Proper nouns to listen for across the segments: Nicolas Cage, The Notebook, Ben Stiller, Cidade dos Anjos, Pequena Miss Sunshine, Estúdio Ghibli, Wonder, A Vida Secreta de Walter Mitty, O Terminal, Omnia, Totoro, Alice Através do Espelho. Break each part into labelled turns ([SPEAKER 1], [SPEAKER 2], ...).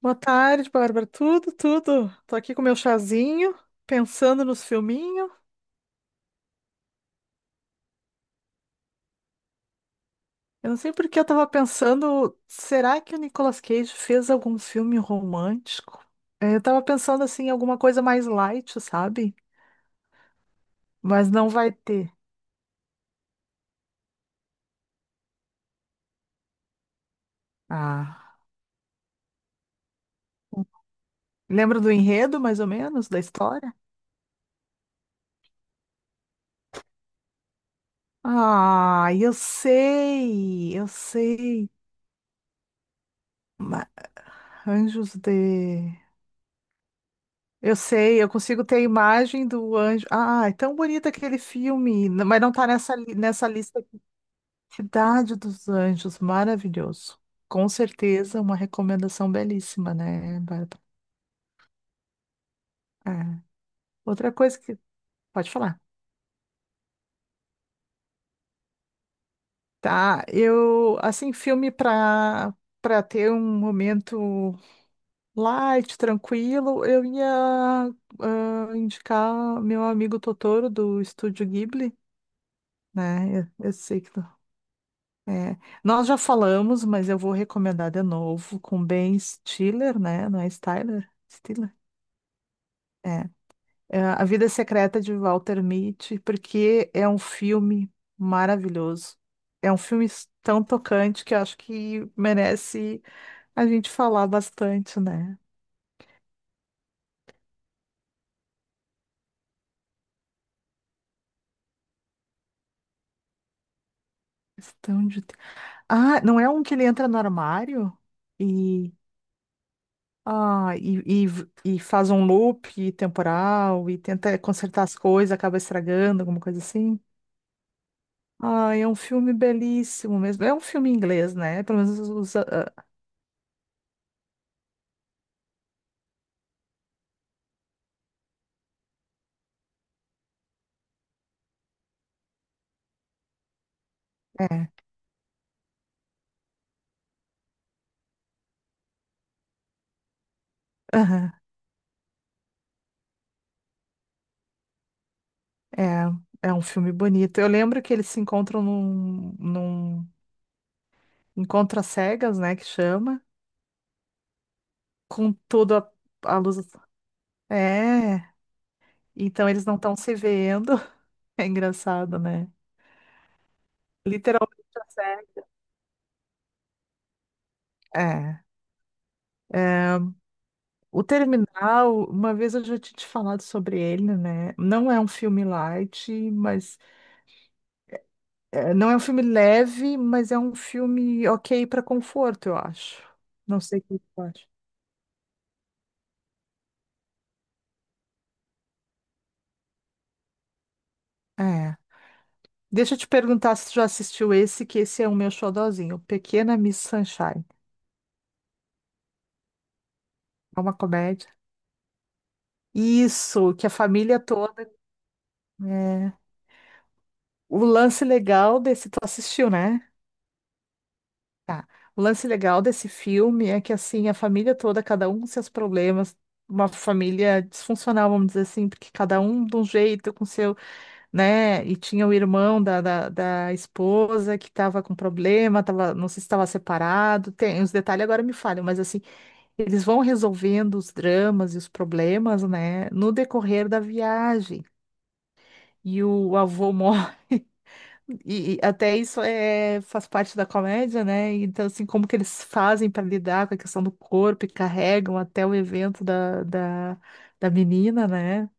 [SPEAKER 1] Boa tarde, Bárbara. Tudo. Tô aqui com meu chazinho, pensando nos filminhos. Eu não sei por que eu tava pensando, será que o Nicolas Cage fez algum filme romântico? Eu tava pensando assim, em alguma coisa mais light, sabe? Mas não vai ter. Ah, lembra do enredo, mais ou menos, da história? Ah, eu sei. Ma- Anjos de... Eu sei, eu consigo ter a imagem do anjo. Ah, é tão bonito aquele filme, mas não tá nessa, nessa lista aqui. Cidade dos Anjos, maravilhoso. Com certeza, uma recomendação belíssima, né, Bárbara? É. Outra coisa que... Pode falar. Tá, eu... Assim, filme para para ter um momento light, tranquilo, eu ia indicar meu amigo Totoro do Estúdio Ghibli, né? Eu sei que... tu... É, nós já falamos, mas eu vou recomendar de novo com Ben Stiller, né? Não é Styler? Stiller? É. É, A Vida Secreta de Walter Mitty, porque é um filme maravilhoso. É um filme tão tocante que eu acho que merece a gente falar bastante, né? Questão de... Ah, não é um que ele entra no armário e, ah, e faz um loop temporal e tenta consertar as coisas, acaba estragando, alguma coisa assim? Ai, é um filme belíssimo mesmo. É um filme inglês, né? Pelo menos os, ah, ah, é. Aham, é, é um filme bonito. Eu lembro que eles se encontram num encontro às cegas, né? Que chama, com tudo a luz. É, então eles não estão se vendo. É engraçado, né? Literalmente às cegas. É. É. O Terminal, uma vez eu já tinha te falado sobre ele, né? Não é um filme light, mas... É, não é um filme leve, mas é um filme ok para conforto, eu acho. Não sei o que tu acha. É. Deixa eu te perguntar se tu já assistiu esse, que esse é o meu xodózinho, Pequena Miss Sunshine. É uma comédia. Isso, que a família toda... É. O lance legal desse... Tu assistiu, né? Tá. O lance legal desse filme é que, assim, a família toda, cada um com seus problemas, uma família disfuncional, vamos dizer assim, porque cada um de um jeito, com seu... né? E tinha o irmão da esposa que estava com problema, tava, não sei se estava separado, tem os detalhes agora me falham, mas assim, eles vão resolvendo os dramas e os problemas, né, no decorrer da viagem. E o avô morre, e até isso é, faz parte da comédia, né? Então, assim, como que eles fazem para lidar com a questão do corpo e carregam até o evento da menina, né?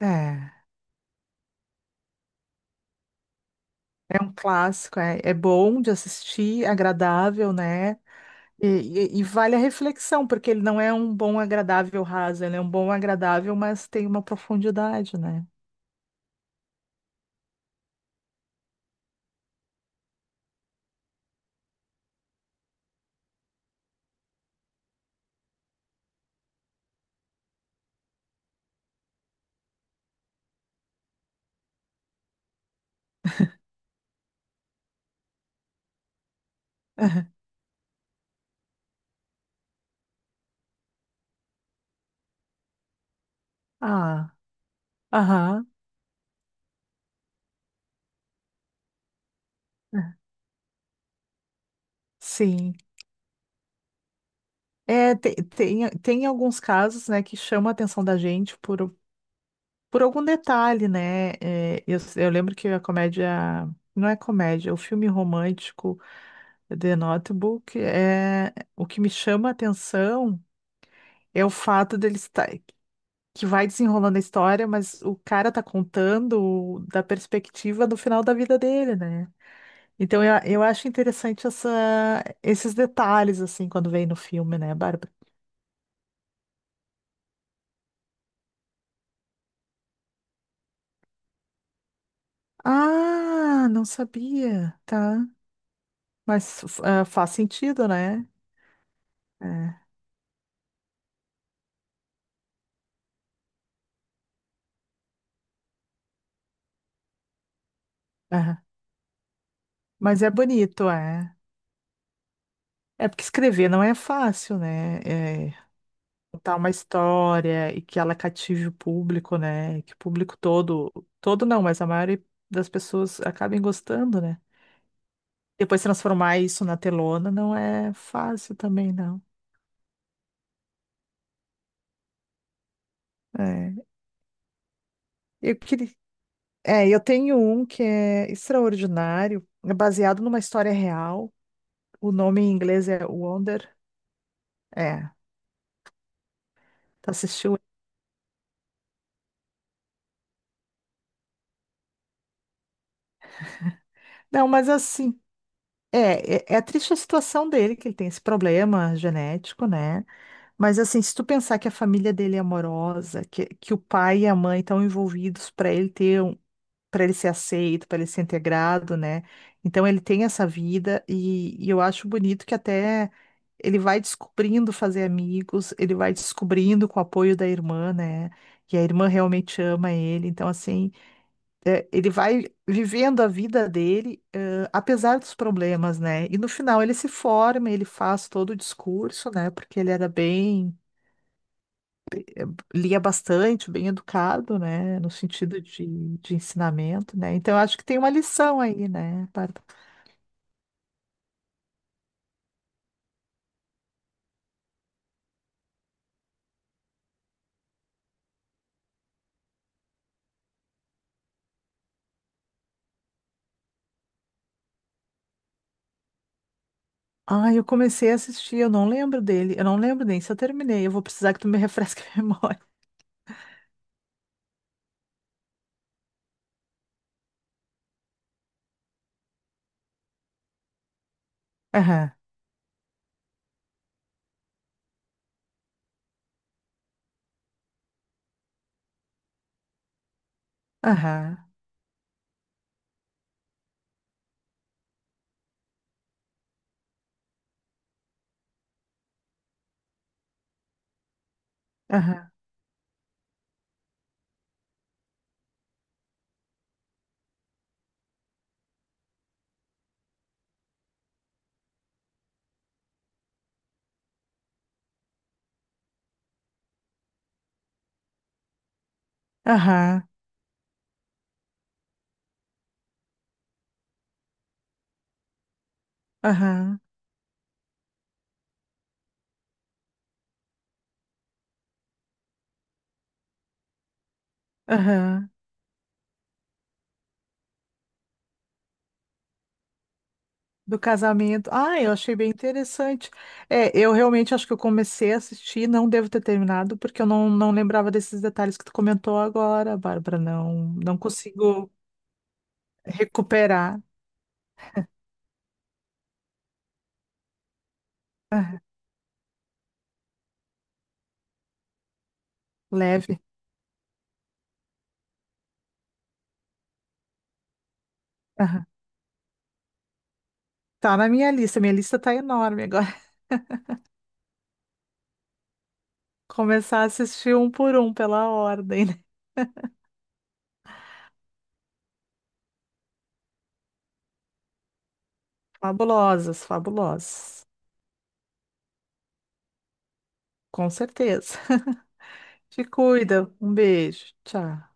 [SPEAKER 1] É. É um clássico, é, é bom de assistir, agradável, né? E, e vale a reflexão, porque ele não é um bom agradável raso, ele é um bom agradável, mas tem uma profundidade, né? Ah, aham, sim. É, tem, tem, alguns casos, né, que chamam a atenção da gente por algum detalhe, né? É, eu lembro que a comédia... Não é comédia, é o filme romântico The Notebook é o que me chama a atenção. É o fato dele estar que vai desenrolando a história, mas o cara tá contando da perspectiva do final da vida dele, né? Então eu acho interessante essa, esses detalhes, assim, quando vem no filme, né, Bárbara? Ah, não sabia, tá? Mas ah, faz sentido, né? É, aham. Mas é bonito, é. É porque escrever não é fácil, né? Contar uma história e que ela cative o público, né? Que o público todo, todo não, mas a maioria das pessoas acabem gostando, né? Depois transformar isso na telona não é fácil também, não. É, eu queria, é, eu tenho um que é extraordinário, é baseado numa história real. O nome em inglês é Wonder. É, tu assistiu? Não, mas assim, é triste a situação dele, que ele tem esse problema genético, né? Mas assim, se tu pensar que a família dele é amorosa, que o pai e a mãe estão envolvidos para ele ter um, para ele ser aceito, para ele ser integrado, né? Então ele tem essa vida e eu acho bonito que até ele vai descobrindo fazer amigos, ele vai descobrindo com o apoio da irmã, né? E a irmã realmente ama ele. Então, assim, é, ele vai vivendo a vida dele, eh, apesar dos problemas, né? E no final ele se forma, ele faz todo o discurso, né? Porque ele era bem... lia bastante, bem educado, né, no sentido de ensinamento, né? Então eu acho que tem uma lição aí, né, Bárbara? Ah, eu comecei a assistir, eu não lembro dele, eu não lembro nem se eu terminei, eu vou precisar que tu me refresque a memória. Aham, aham, aham, aham, aham, aham. Do casamento. Ah, eu achei bem interessante. É, eu realmente acho que eu comecei a assistir, não devo ter terminado, porque eu não lembrava desses detalhes que tu comentou agora, Bárbara. Não, não consigo recuperar. Leve. Aham. Tá na minha lista. Minha lista tá enorme agora. Começar a assistir um por um pela ordem, né? Fabulosas, fabulosas. Com certeza. Te cuida. Um beijo. Tchau.